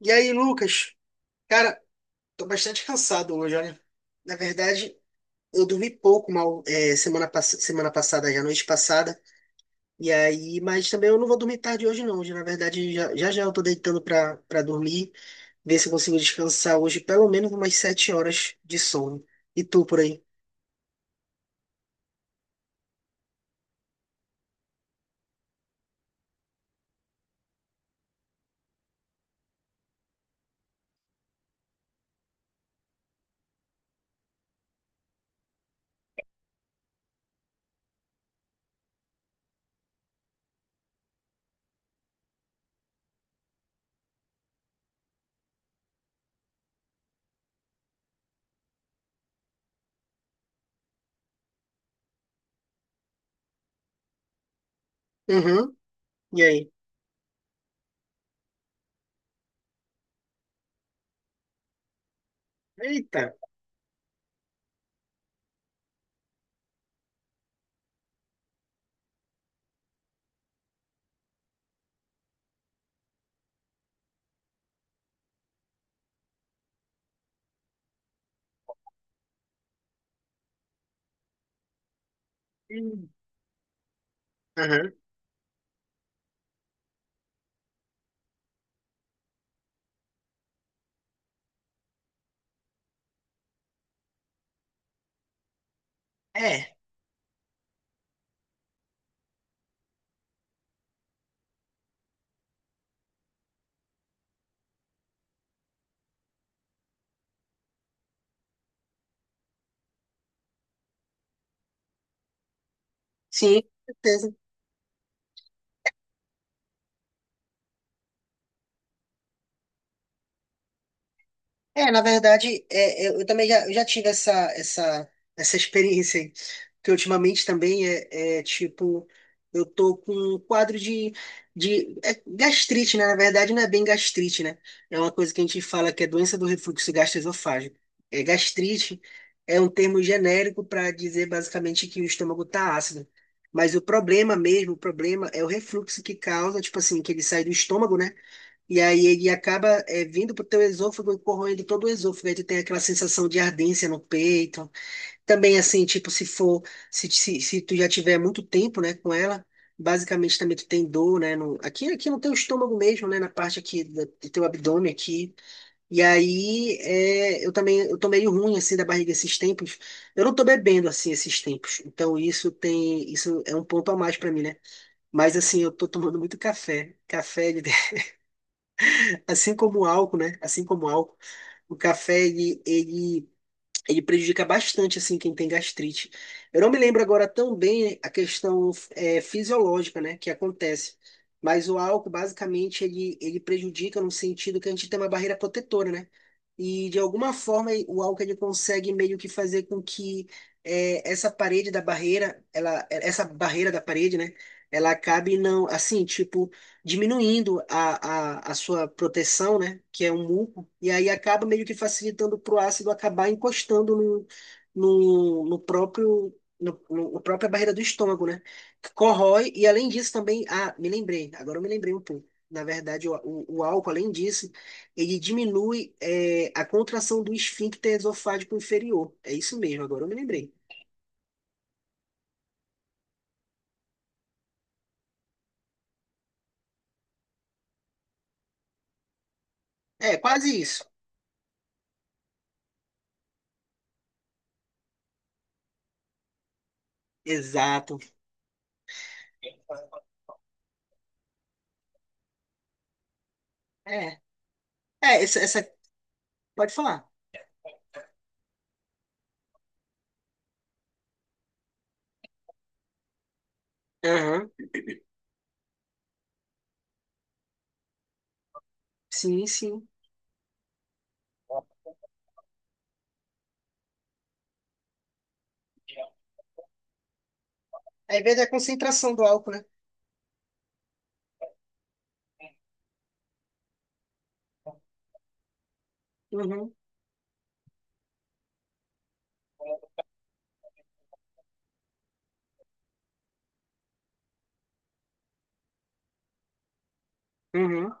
E aí, Lucas? Cara, tô bastante cansado hoje, olha. Na verdade, eu dormi pouco mal semana passada, já noite passada. E aí, mas também eu não vou dormir tarde hoje, não. Hoje, na verdade, já eu tô deitando pra dormir, ver se eu consigo descansar hoje pelo menos umas 7 horas de sono. E tu por aí? Uhum. E aí? Eita. Hum. Aham. É, sim, com certeza. É, na verdade, eu também já, eu já tive essa experiência aí, que ultimamente também tipo, eu tô com um quadro de gastrite, né? Na verdade, não é bem gastrite, né? É uma coisa que a gente fala que é doença do refluxo gastroesofágico. É, gastrite é um termo genérico para dizer basicamente que o estômago tá ácido. Mas o problema mesmo, o problema é o refluxo que causa, tipo assim, que ele sai do estômago, né? E aí ele acaba vindo para o teu esôfago e corroendo todo o esôfago. Aí tu tem aquela sensação de ardência no peito. Também assim, tipo, se tu já tiver muito tempo, né, com ela, basicamente também tu tem dor, né, aqui no teu estômago mesmo, né, na parte aqui do teu abdômen aqui. E aí eu também, eu tô meio ruim, assim, da barriga esses tempos. Eu não tô bebendo, assim, esses tempos. Então isso é um ponto a mais para mim, né? Mas assim, eu tô tomando muito café. Café, ele assim como o álcool, né? Assim como o álcool, o café ele prejudica bastante assim quem tem gastrite. Eu não me lembro agora tão bem a questão é fisiológica, né, que acontece. Mas o álcool, basicamente, ele prejudica no sentido que a gente tem uma barreira protetora, né? E, de alguma forma, o álcool ele consegue meio que fazer com que essa parede da barreira, essa barreira da parede, né? Ela acabe não, assim, tipo, diminuindo a sua proteção, né? Que é um muco e aí acaba meio que facilitando para o ácido acabar encostando no, no, no próprio no, no- na própria barreira do estômago, né? Que corrói e além disso também, ah, me lembrei, agora eu me lembrei um pouco. Na verdade, o álcool, além disso, ele diminui a contração do esfíncter esofágico inferior. É isso mesmo, agora eu me lembrei. É, quase isso. Exato. É, é, essa. Pode falar. Aham. Sim, sim. Aí vem da concentração do álcool, né? Uhum. Uhum.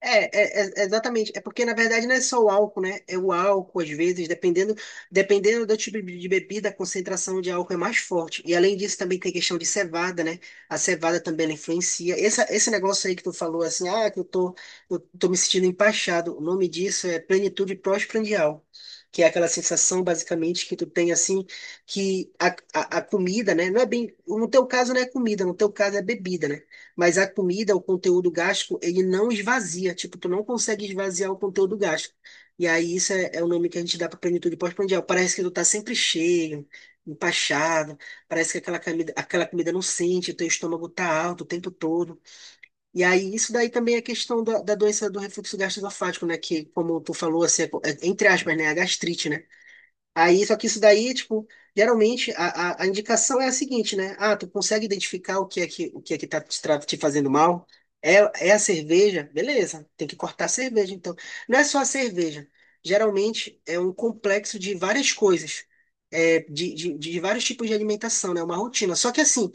Exatamente. É porque, na verdade, não é só o álcool, né? É o álcool, às vezes, dependendo do tipo de bebida, a concentração de álcool é mais forte. E, além disso, também tem a questão de cevada, né? A cevada também ela influencia. Esse negócio aí que tu falou, assim, ah, que eu tô me sentindo empachado. O nome disso é plenitude pós-prandial, que é aquela sensação, basicamente, que tu tem, assim, que a comida, né? Não é bem. No teu caso, não é comida, no teu caso é bebida, né? Mas a comida, o conteúdo gástrico, ele não esvazia. Tipo, tu não consegue esvaziar o conteúdo gástrico. E aí, isso é o nome que a gente dá para plenitude pós-prandial. Parece que tu tá sempre cheio, empachado. Parece que aquela comida não sente, o teu estômago tá alto o tempo todo. E aí, isso daí também é questão da doença do refluxo gastroesofágico, né? Que, como tu falou, assim, entre aspas, né? É a gastrite, né? Aí, só que isso daí, tipo, geralmente a indicação é a seguinte, né? Ah, tu consegue identificar o que é que tá te fazendo mal? É, a cerveja? Beleza, tem que cortar a cerveja, então. Não é só a cerveja. Geralmente é um complexo de várias coisas, de vários tipos de alimentação, né? É uma rotina. Só que assim,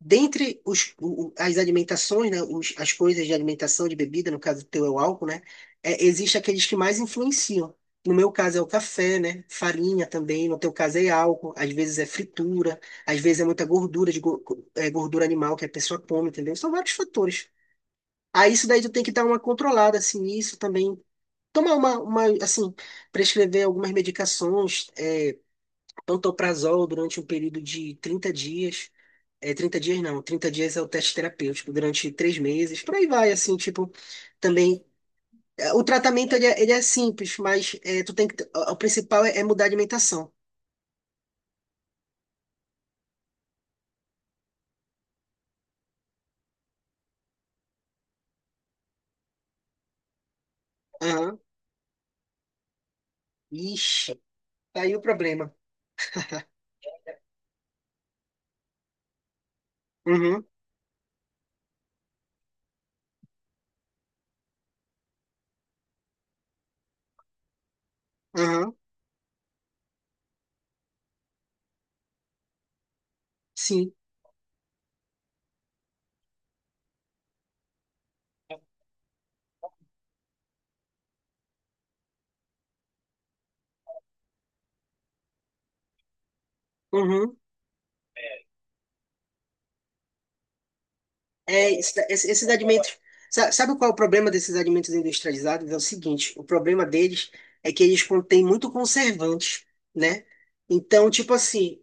dentre as alimentações, né? As coisas de alimentação, de bebida, no caso do teu é o álcool, né? É, existe aqueles que mais influenciam. No meu caso é o café, né? Farinha também. No teu caso é álcool. Às vezes é fritura. Às vezes é muita gordura, gordura animal que a pessoa come, entendeu? São vários fatores. Aí isso daí tu tem que dar uma controlada, assim, isso também. Tomar uma, assim, prescrever algumas medicações, pantoprazol durante um período de 30 dias. É, 30 dias não, 30 dias é o teste terapêutico, durante 3 meses, por aí vai, assim, tipo, também. O tratamento ele é simples, mas tu tem que. O principal é mudar a alimentação. Aham. Ixi, tá aí o problema. Uhum, aham, sim, uhum. É, esses alimentos. Sabe qual é o problema desses alimentos industrializados? É o seguinte: o problema deles é que eles contêm muito conservante, né? Então, tipo assim,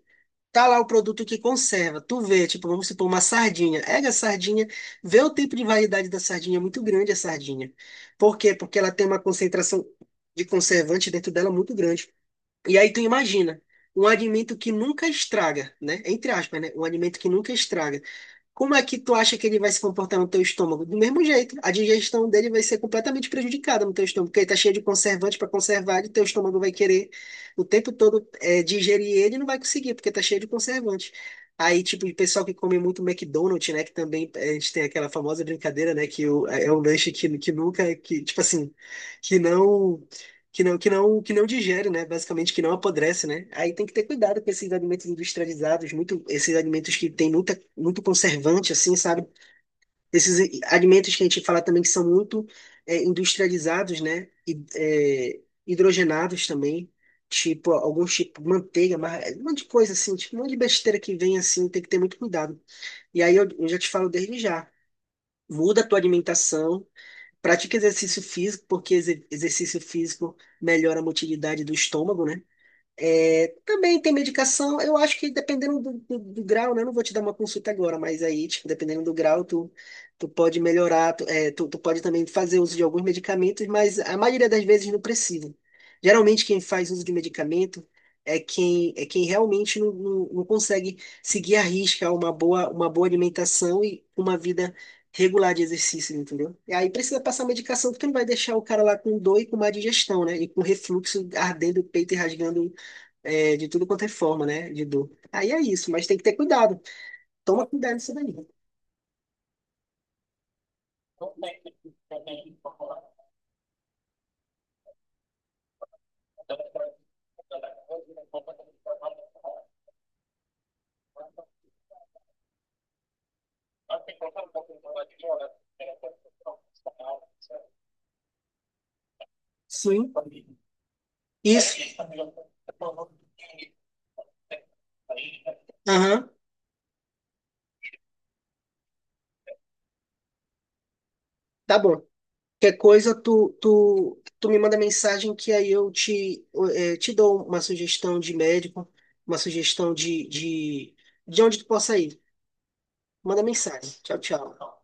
tá lá o produto que conserva. Tu vê, tipo, vamos supor, uma sardinha. Pega a sardinha, vê o tempo de validade da sardinha, é muito grande a sardinha. Por quê? Porque ela tem uma concentração de conservante dentro dela muito grande. E aí tu imagina, um alimento que nunca estraga, né? Entre aspas, né? Um alimento que nunca estraga. Como é que tu acha que ele vai se comportar no teu estômago? Do mesmo jeito, a digestão dele vai ser completamente prejudicada no teu estômago, porque ele tá cheio de conservante para conservar, e teu estômago vai querer o tempo todo digerir ele e não vai conseguir, porque tá cheio de conservante. Aí, tipo, o pessoal que come muito McDonald's, né? Que também a gente tem aquela famosa brincadeira, né? É um lanche que nunca, que, tipo assim, que não que não digere, né? Basicamente que não apodrece, né? Aí tem que ter cuidado com esses alimentos industrializados, muito esses alimentos que tem muito conservante, assim, sabe? Esses alimentos que a gente fala também que são muito industrializados, né? E, hidrogenados também, tipo alguns tipo manteiga, mas é um monte de coisa assim, tipo um monte de besteira que vem assim, tem que ter muito cuidado. E aí eu já te falo desde já. Muda a tua alimentação. Pratique exercício físico, porque exercício físico melhora a motilidade do estômago, né? É, também tem medicação, eu acho que dependendo do grau, né? Eu não vou te dar uma consulta agora, mas aí, tipo, dependendo do grau, tu pode melhorar, tu pode também fazer uso de alguns medicamentos, mas a maioria das vezes não precisa. Geralmente quem faz uso de medicamento é quem realmente não consegue seguir à risca uma boa alimentação e uma vida regular de exercício, entendeu? E aí precisa passar medicação, porque não vai deixar o cara lá com dor e com má digestão, né? E com refluxo ardendo o peito e rasgando de tudo quanto é forma, né? De dor. Aí é isso, mas tem que ter cuidado. Toma cuidado nisso daí. Sim, isso. Aham, tá bom. Qualquer coisa, tu me manda mensagem que aí eu te dou uma sugestão de médico, uma sugestão de onde tu possa ir. Manda mensagem. Tchau, tchau.